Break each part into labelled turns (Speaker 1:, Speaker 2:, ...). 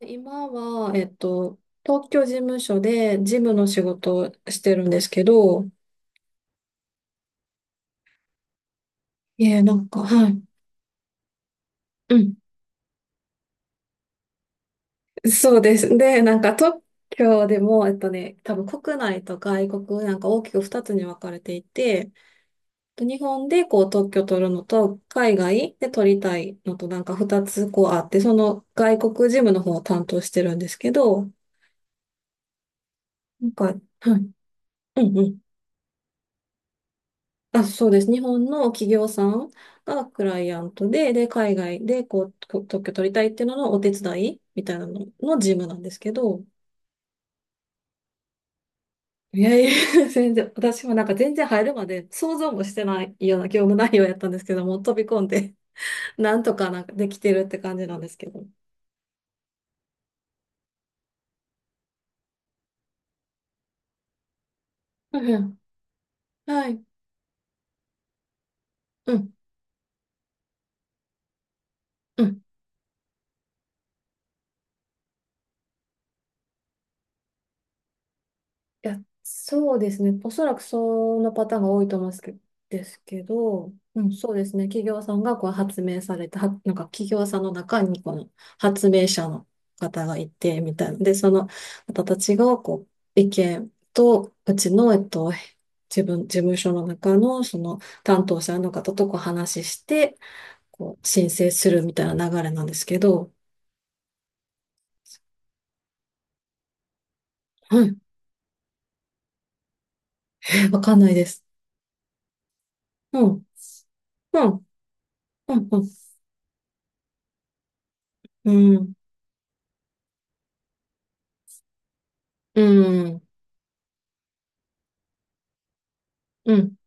Speaker 1: 今は、東京事務所で事務の仕事をしてるんですけど、いえ、なんか、はい。うん。そうです。で、なんか特許でも、多分国内と外国、なんか大きく2つに分かれていて、日本でこう特許取るのと、海外で取りたいのと、なんか2つこうあって、その外国事務の方を担当してるんですけど、なんか、はい。うんうん。あ、そうです。日本の企業さんがクライアントで、で、海外でこう、特許取りたいっていうののお手伝いみたいなのの事務なんですけど、いやいや、全然、私もなんか全然入るまで想像もしてないような業務内容やったんですけども、飛び込んで、なんとかなんかできてるって感じなんですけど。うんうん、はい。うん。うん。いや、そうですね。おそらくそのパターンが多いと思うんですけど、うん、そうですね。企業さんがこう発明された、はなんか企業さんの中にこの発明者の方がいて、みたいな。で、その方たちがこう意見と、うちの、自分、事務所の中のその担当者の方とこう話して、こう申請するみたいな流れなんですけど、はい、わかんないです。うん、うん、うん、うん、うん、うん。うん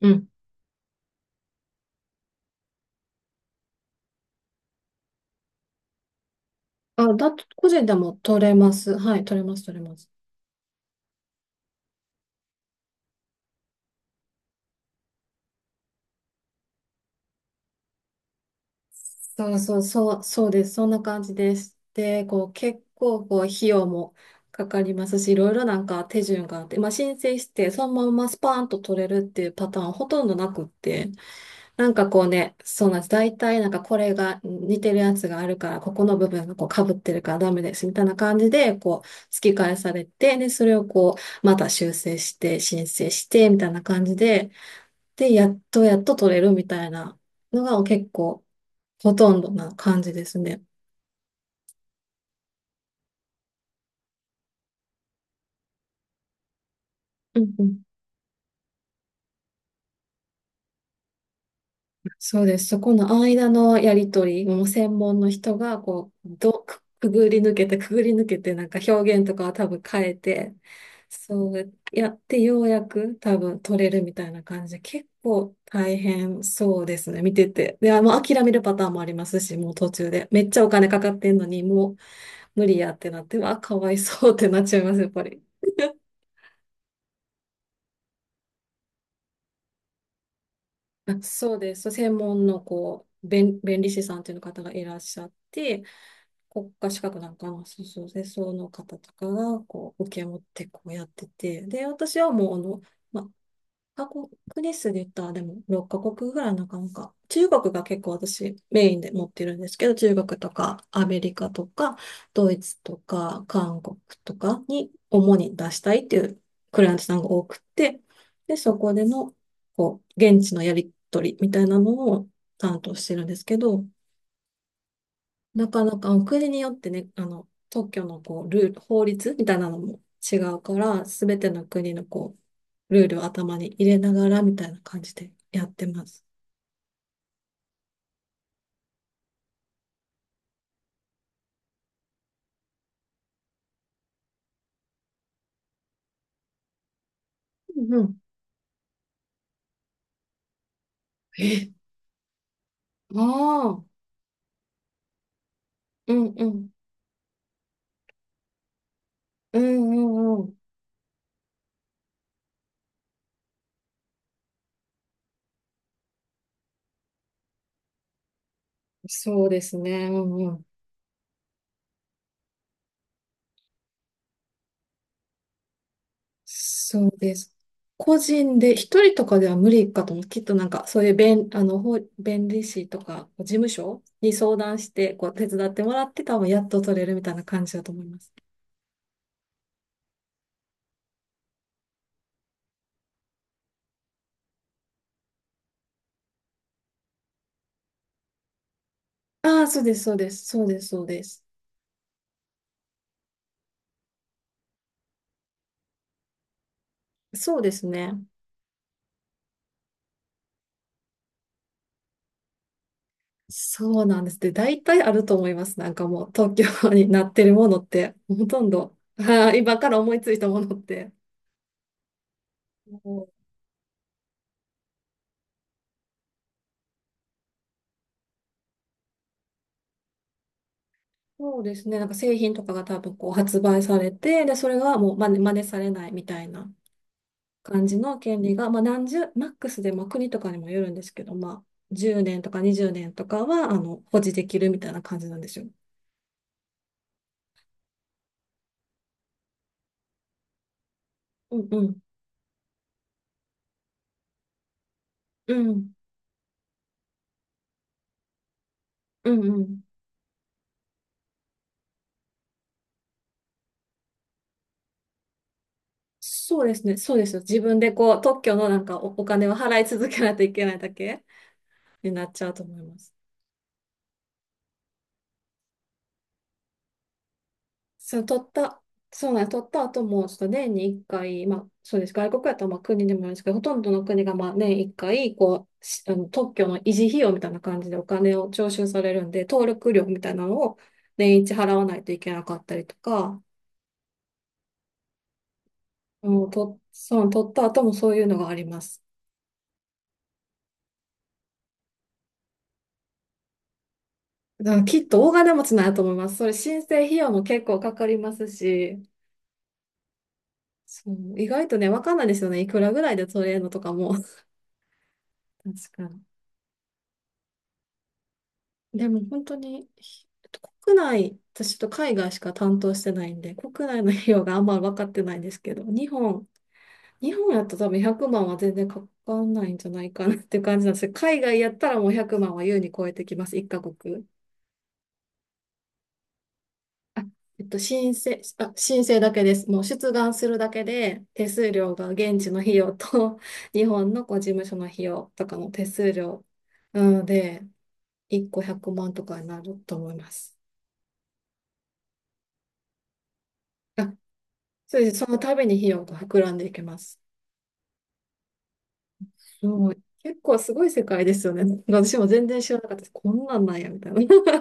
Speaker 1: うん。あ、だと、個人でも取れます。はい、取れます、取れます。そうそう、そう、そうです。そんな感じです。で、こう、結構、こう、費用もかかりますし、いろいろなんか手順があって、まあ、申請して、そのままスパーンと取れるっていうパターンはほとんどなくって、なんかこうね、そうなんです。大体なんかこれが似てるやつがあるから、ここの部分がこう被ってるからダメです、みたいな感じで、こう、突き返されて、で、それをこう、また修正して、申請して、みたいな感じで、で、やっとやっと取れるみたいなのが結構ほとんどな感じですね。うんうん。そうです。そこの間のやりとり、もう専門の人がこう、くぐり抜けて、くぐり抜けて、なんか表現とかは多分変えて、そうやってようやく多分取れるみたいな感じで、結構大変そうですね、見てて。で、もう諦めるパターンもありますし、もう途中で。めっちゃお金かかってんのに、もう無理やってなって、わあ、かわいそうってなっちゃいます、やっぱり。あ、そうです。専門のこう、弁理士さんという方がいらっしゃって、国家資格なんかの、そうそうで、その方とかが、こう、受け持ってこうやってて、で、私はもう、まカ国ですで言ったら、でも6カ国ぐらいなかなか。中国が結構私メインで持ってるんですけど、中国とかアメリカとかドイツとか韓国とかに主に出したいっていうクライアントさんが多くて、で、そこでのこう現地のやり取りみたいなのを担当してるんですけど、なかなか、お国によってね、特許のこう、ルール、法律みたいなのも違うから、すべての国のこう、ルールを頭に入れながらみたいな感じでやってます。うんうん。え、ああ、うんうん。うんうんうん。そうですね。うんうん。そうです。個人で、一人とかでは無理かと思う。きっとなんか、そういう弁、あの、法弁理士とか、事務所に相談して、こう、手伝ってもらって、多分やっと取れるみたいな感じだと思います。ああ、そうです、そうです、そうです、そうです。そうですね。そうなんです。で、大体あると思います。なんかもう、東京になってるものって、ほとんど、はい今から思いついたものって。そうそうですね。なんか製品とかが多分こう発売されて、で、それがもう真似されないみたいな感じの権利が、まあ何十、マックスで、まあ国とかにもよるんですけど、まあ10年とか20年とかは、保持できるみたいな感じなんですよ。うんうん。うん。うんうん。そうですね、そうですよ。自分でこう、特許のなんかお金を払い続けないといけないだけになっちゃうと思います。その取った、そうなんです、取った後も、ちょっと年に1回、まあ、そうです。外国やったらまあ国でもあるんですけど、ほとんどの国がまあ年1回、こう、あの特許の維持費用みたいな感じでお金を徴収されるんで、登録料みたいなのを年一払わないといけなかったりとか、うん、と、そう、取った後もそういうのがあります。だからきっと大金持ちなんやと思います。それ申請費用も結構かかりますし、そう、意外とね、わかんないですよね。いくらぐらいで取れるのとかも。確かに。でも本当に、ひえっと国内、私ちょっと海外しか担当してないんで、国内の費用があんまり分かってないんですけど、日本やったら多分100万は全然かかんないんじゃないかなっていう感じなんですけど、海外やったらもう100万は優に超えてきます、一カ国。あ申請だけです。もう出願するだけで、手数料が現地の費用と、日本のこう事務所の費用とかの手数料なので、1個100万とかになると思います。あ、そうです。その度に費用が膨らんでいきます。すごい。結構すごい世界ですよね。私も全然知らなかったです。こんなんなんや、みたいな。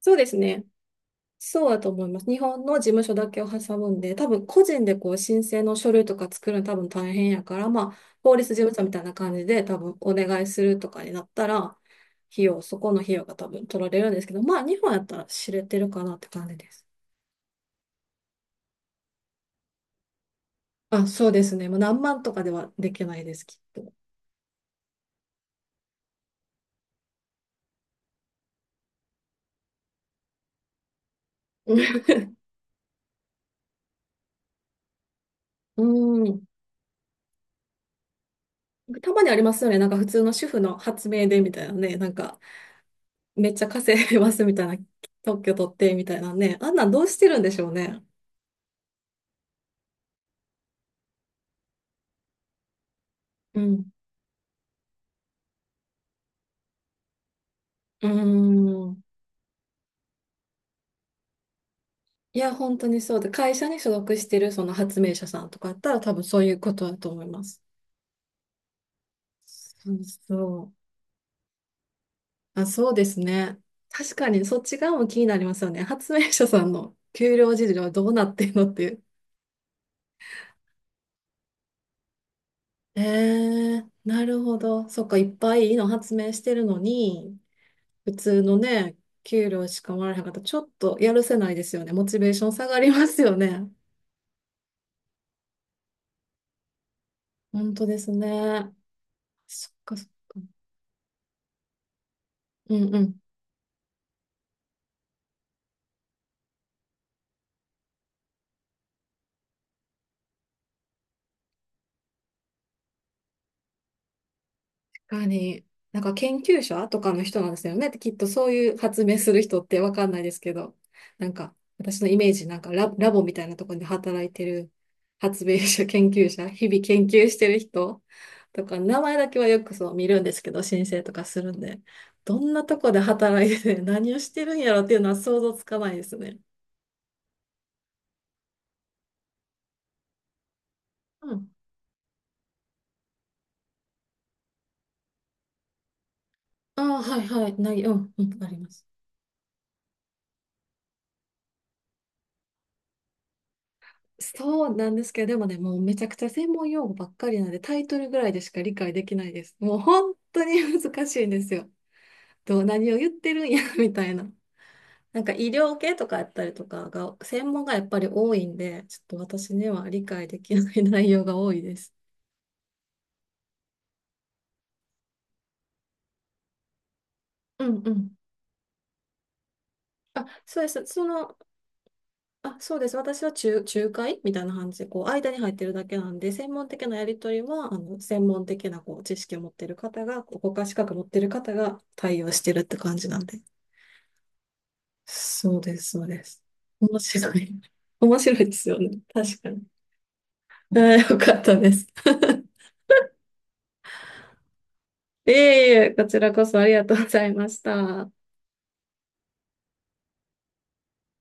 Speaker 1: そうですね。そうだと思います。日本の事務所だけを挟むんで、多分個人でこう申請の書類とか作るの多分大変やから、まあ、法律事務所みたいな感じで多分お願いするとかになったら、費用、そこの費用が多分取られるんですけど、まあ、日本やったら知れてるかなって感じです。あ、そうですね。もう何万とかではできないです、きっと。うん。たまにありますよね。なんか普通の主婦の発明でみたいなね。なんか、めっちゃ稼いでますみたいな、特許取ってみたいなね。あんなんどうしてるんでしょうね。うん。うーん。いや、本当にそうで、会社に所属してるその発明者さんとかだったら多分そういうことだと思います。そうそう。あ、そうですね。確かにそっち側も気になりますよね。発明者さんの給料事情はどうなってるのっていう。なるほど。そっか、いっぱいいいの発明してるのに、普通のね、給料しかもらえへんかったら、ちょっとやるせないですよね。モチベーション下がりますよね。本当ですね。そっかそっか。うんうん。かに、なんか研究者とかの人なんですよね。きっとそういう発明する人ってわかんないですけど、なんか私のイメージ、なんかラボみたいなところで働いてる発明者、研究者、日々研究してる人とか、名前だけはよくそう見るんですけど、申請とかするんで、どんなとこで働いてて 何をしてるんやろっていうのは想像つかないですね。うん。ああ、はいはい。ない、うん、うん、あります。そうなんですけど、でもね、もうめちゃくちゃ専門用語ばっかりなんで、タイトルぐらいでしか理解できないです。もう本当に難しいんですよ。何を言ってるんや みたいな。なんか医療系とかやったりとかが、専門がやっぱり多いんで、ちょっと私には理解できない内容が多いです。うんうん。あ、そうです。そうです。私は仲介みたいな感じで、こう、間に入ってるだけなんで、専門的なやり取りは、専門的な、こう、知識を持ってる方が、こう国家資格持ってる方が対応してるって感じなんで。そうです、そうです。面白い。面白いですよね。確かに。よかったです。いえいえ、こちらこそありがとうございました。